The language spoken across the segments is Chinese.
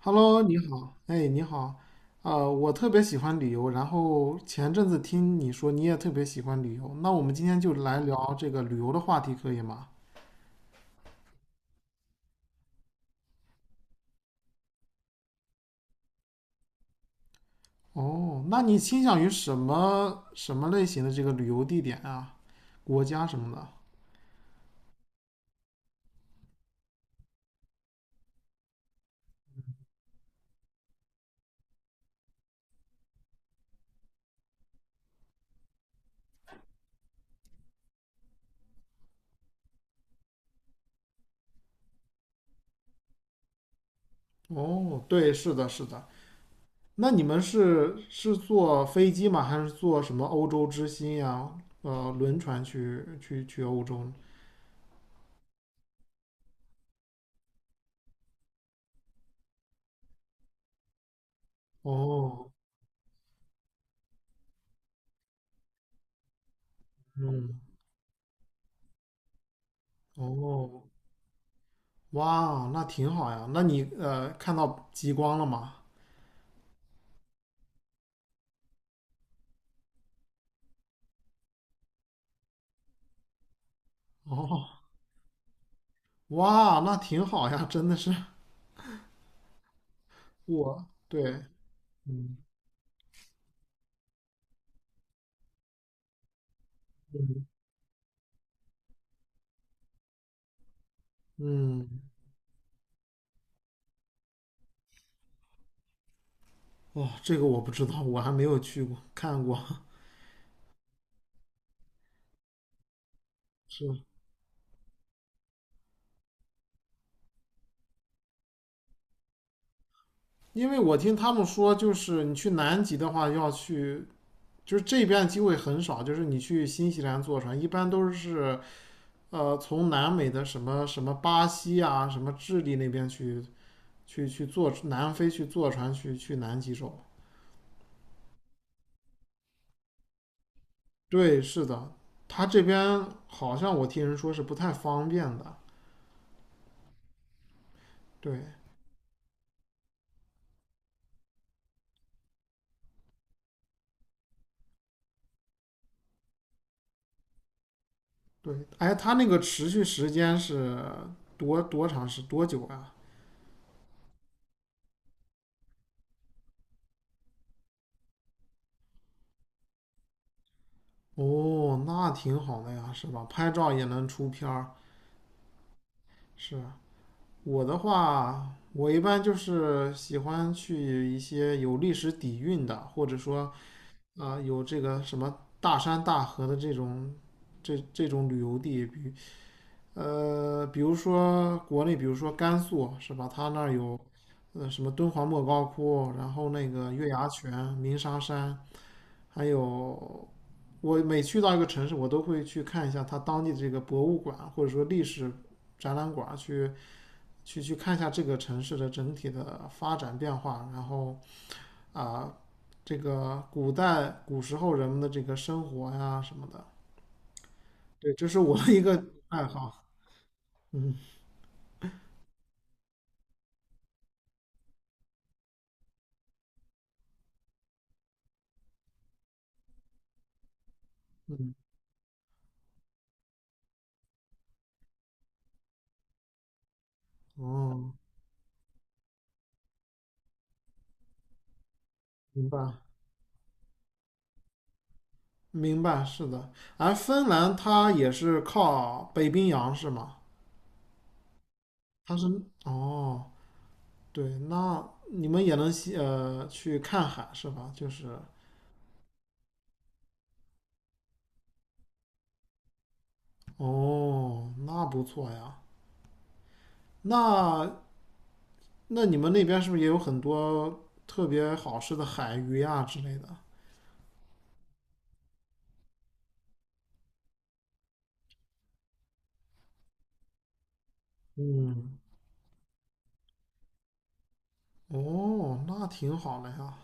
Hello，你好，哎，你好，我特别喜欢旅游，然后前阵子听你说你也特别喜欢旅游，那我们今天就来聊这个旅游的话题，可以吗？哦，那你倾向于什么类型的这个旅游地点啊，国家什么的？哦，对，是的，是的。那你们是坐飞机吗？还是坐什么欧洲之星呀，轮船去欧洲呢哦，嗯，哦。哇，那挺好呀。那你看到极光了吗？哦，哇，那挺好呀，真的是我，对，嗯嗯，哇，这个我不知道，我还没有去过看过，是因为我听他们说，就是你去南极的话，要去，就是这边机会很少，就是你去新西兰坐船，一般都是从南美的什么巴西啊，什么智利那边去坐南非坐船去南极洲。对，是的，他这边好像我听人说是不太方便的。对对，哎，他那个持续时间是多多长时多久啊？哦，那挺好的呀，是吧？拍照也能出片儿。是我的话，我一般就是喜欢去一些有历史底蕴的，或者说啊、有这个什么大山大河的这种这种旅游地，比如说国内，比如说甘肃是吧？它那儿有，什么敦煌莫高窟，然后那个月牙泉、鸣沙山，还有我每去到一个城市，我都会去看一下它当地的这个博物馆，或者说历史展览馆，去看一下这个城市的整体的发展变化，然后啊、这个古时候人们的这个生活呀什么的，对，这是我的一个爱好。嗯嗯，哦。明白，明白，是的。而芬兰它也是靠北冰洋是吗？它是，哦，对，那你们也能去看海是吧？就是，哦，那不错呀。那那你们那边是不是也有很多特别好吃的海鱼呀之类的？嗯，哦，那挺好的呀。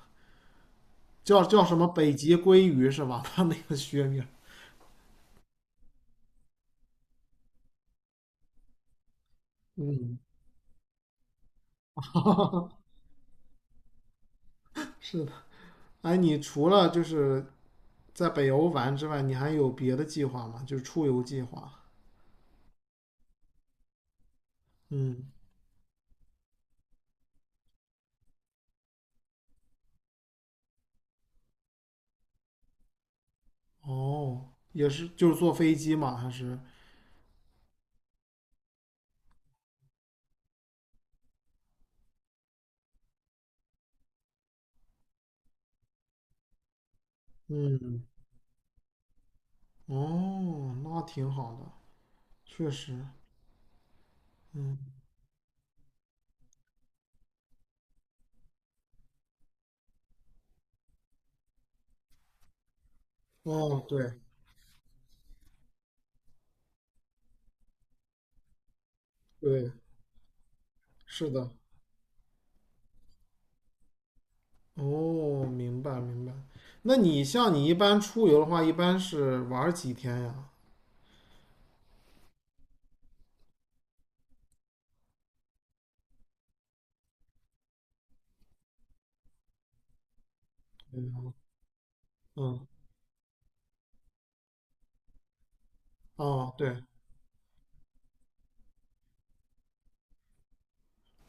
叫什么北极鲑鱼是吧？它那个学名。嗯，是的。哎，你除了就是在北欧玩之外，你还有别的计划吗？就是出游计划。嗯，哦，也是，就是坐飞机吗？还是？嗯，哦，那挺好的，确实。嗯，哦，对对，是的。哦，明白明白。那你像你一般出游的话，一般是玩儿几天呀？嗯嗯，哦，对，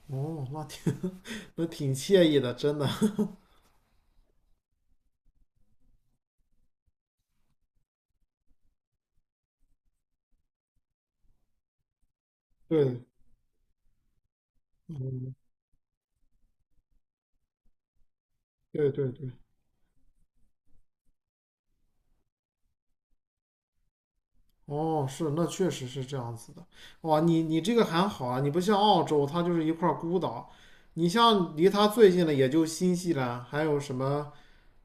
哦，那挺 那挺惬意的，真的。对，嗯，对对对。哦，是，那确实是这样子的。哇，你这个还好啊，你不像澳洲，它就是一块孤岛。你像离它最近的也就新西兰，还有什么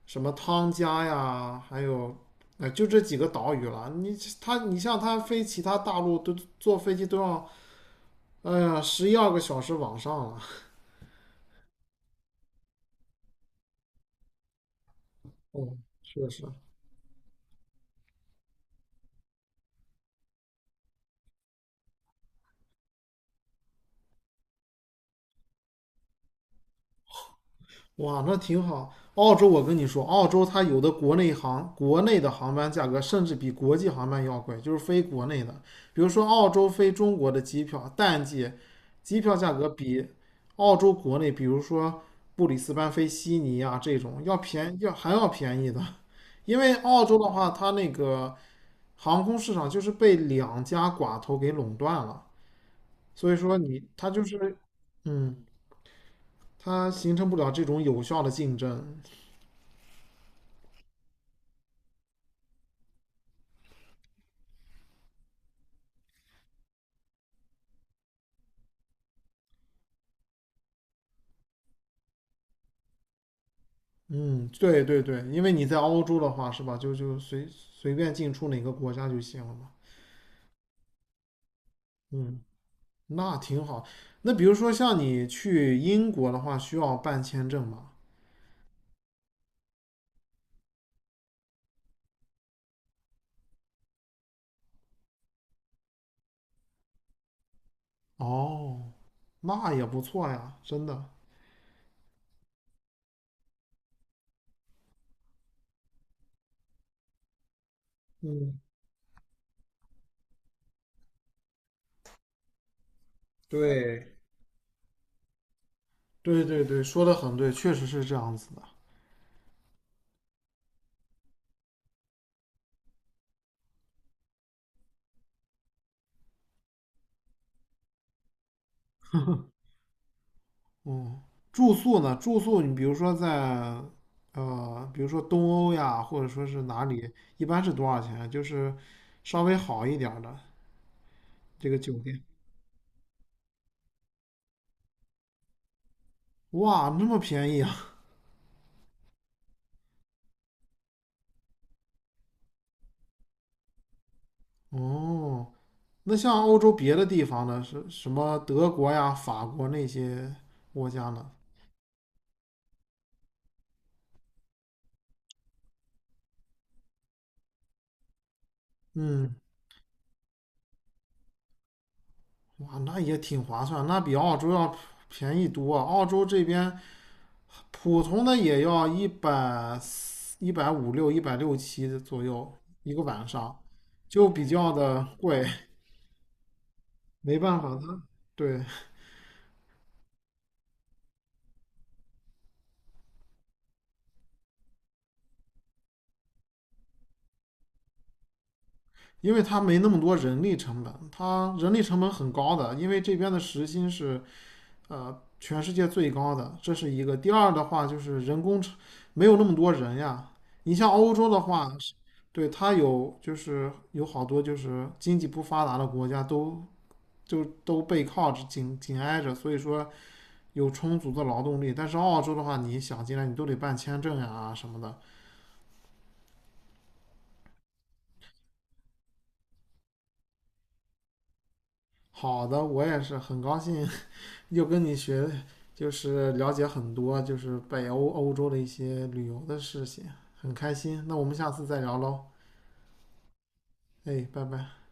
什么汤加呀，还有，就这几个岛屿了。你像它飞其他大陆都坐飞机都要，哎呀，十一二个小时往上了。嗯，确实。哇，那挺好。澳洲，我跟你说，澳洲它有的国内的航班价格甚至比国际航班要贵，就是飞国内的。比如说澳洲飞中国的机票，淡季机票价格比澳洲国内，比如说布里斯班飞悉尼啊这种要便要还要便宜的，因为澳洲的话，它那个航空市场就是被两家寡头给垄断了，所以说它就是嗯，它形成不了这种有效的竞争。嗯，对对对，因为你在欧洲的话，是吧？就随便进出哪个国家就行了嘛。嗯，那挺好。那比如说像你去英国的话，需要办签证吗？哦，那也不错呀，真的。嗯，对，对对对，说的很对，确实是这样子的。嗯，住宿呢？住宿你比如说在比如说东欧呀，或者说是哪里，一般是多少钱啊？就是稍微好一点儿的这个酒店。哇，那么便宜啊！哦，那像欧洲别的地方呢，是什么德国呀、法国那些国家呢？嗯，哇，那也挺划算，那比澳洲要便宜多啊。澳洲这边普通的也要一百一百五六、一百六七左右一个晚上，就比较的贵。没办法，它对，因为它没那么多人力成本，它人力成本很高的，因为这边的时薪是全世界最高的，这是一个。第二的话就是人工成没有那么多人呀。你像欧洲的话，对，它有就是有好多就是经济不发达的国家都都背靠着紧紧挨着，所以说有充足的劳动力。但是澳洲的话，你想进来你都得办签证呀、什么的。好的，我也是很高兴又跟你学，就是了解很多，就是北欧欧洲的一些旅游的事情，很开心。那我们下次再聊喽，哎，拜拜。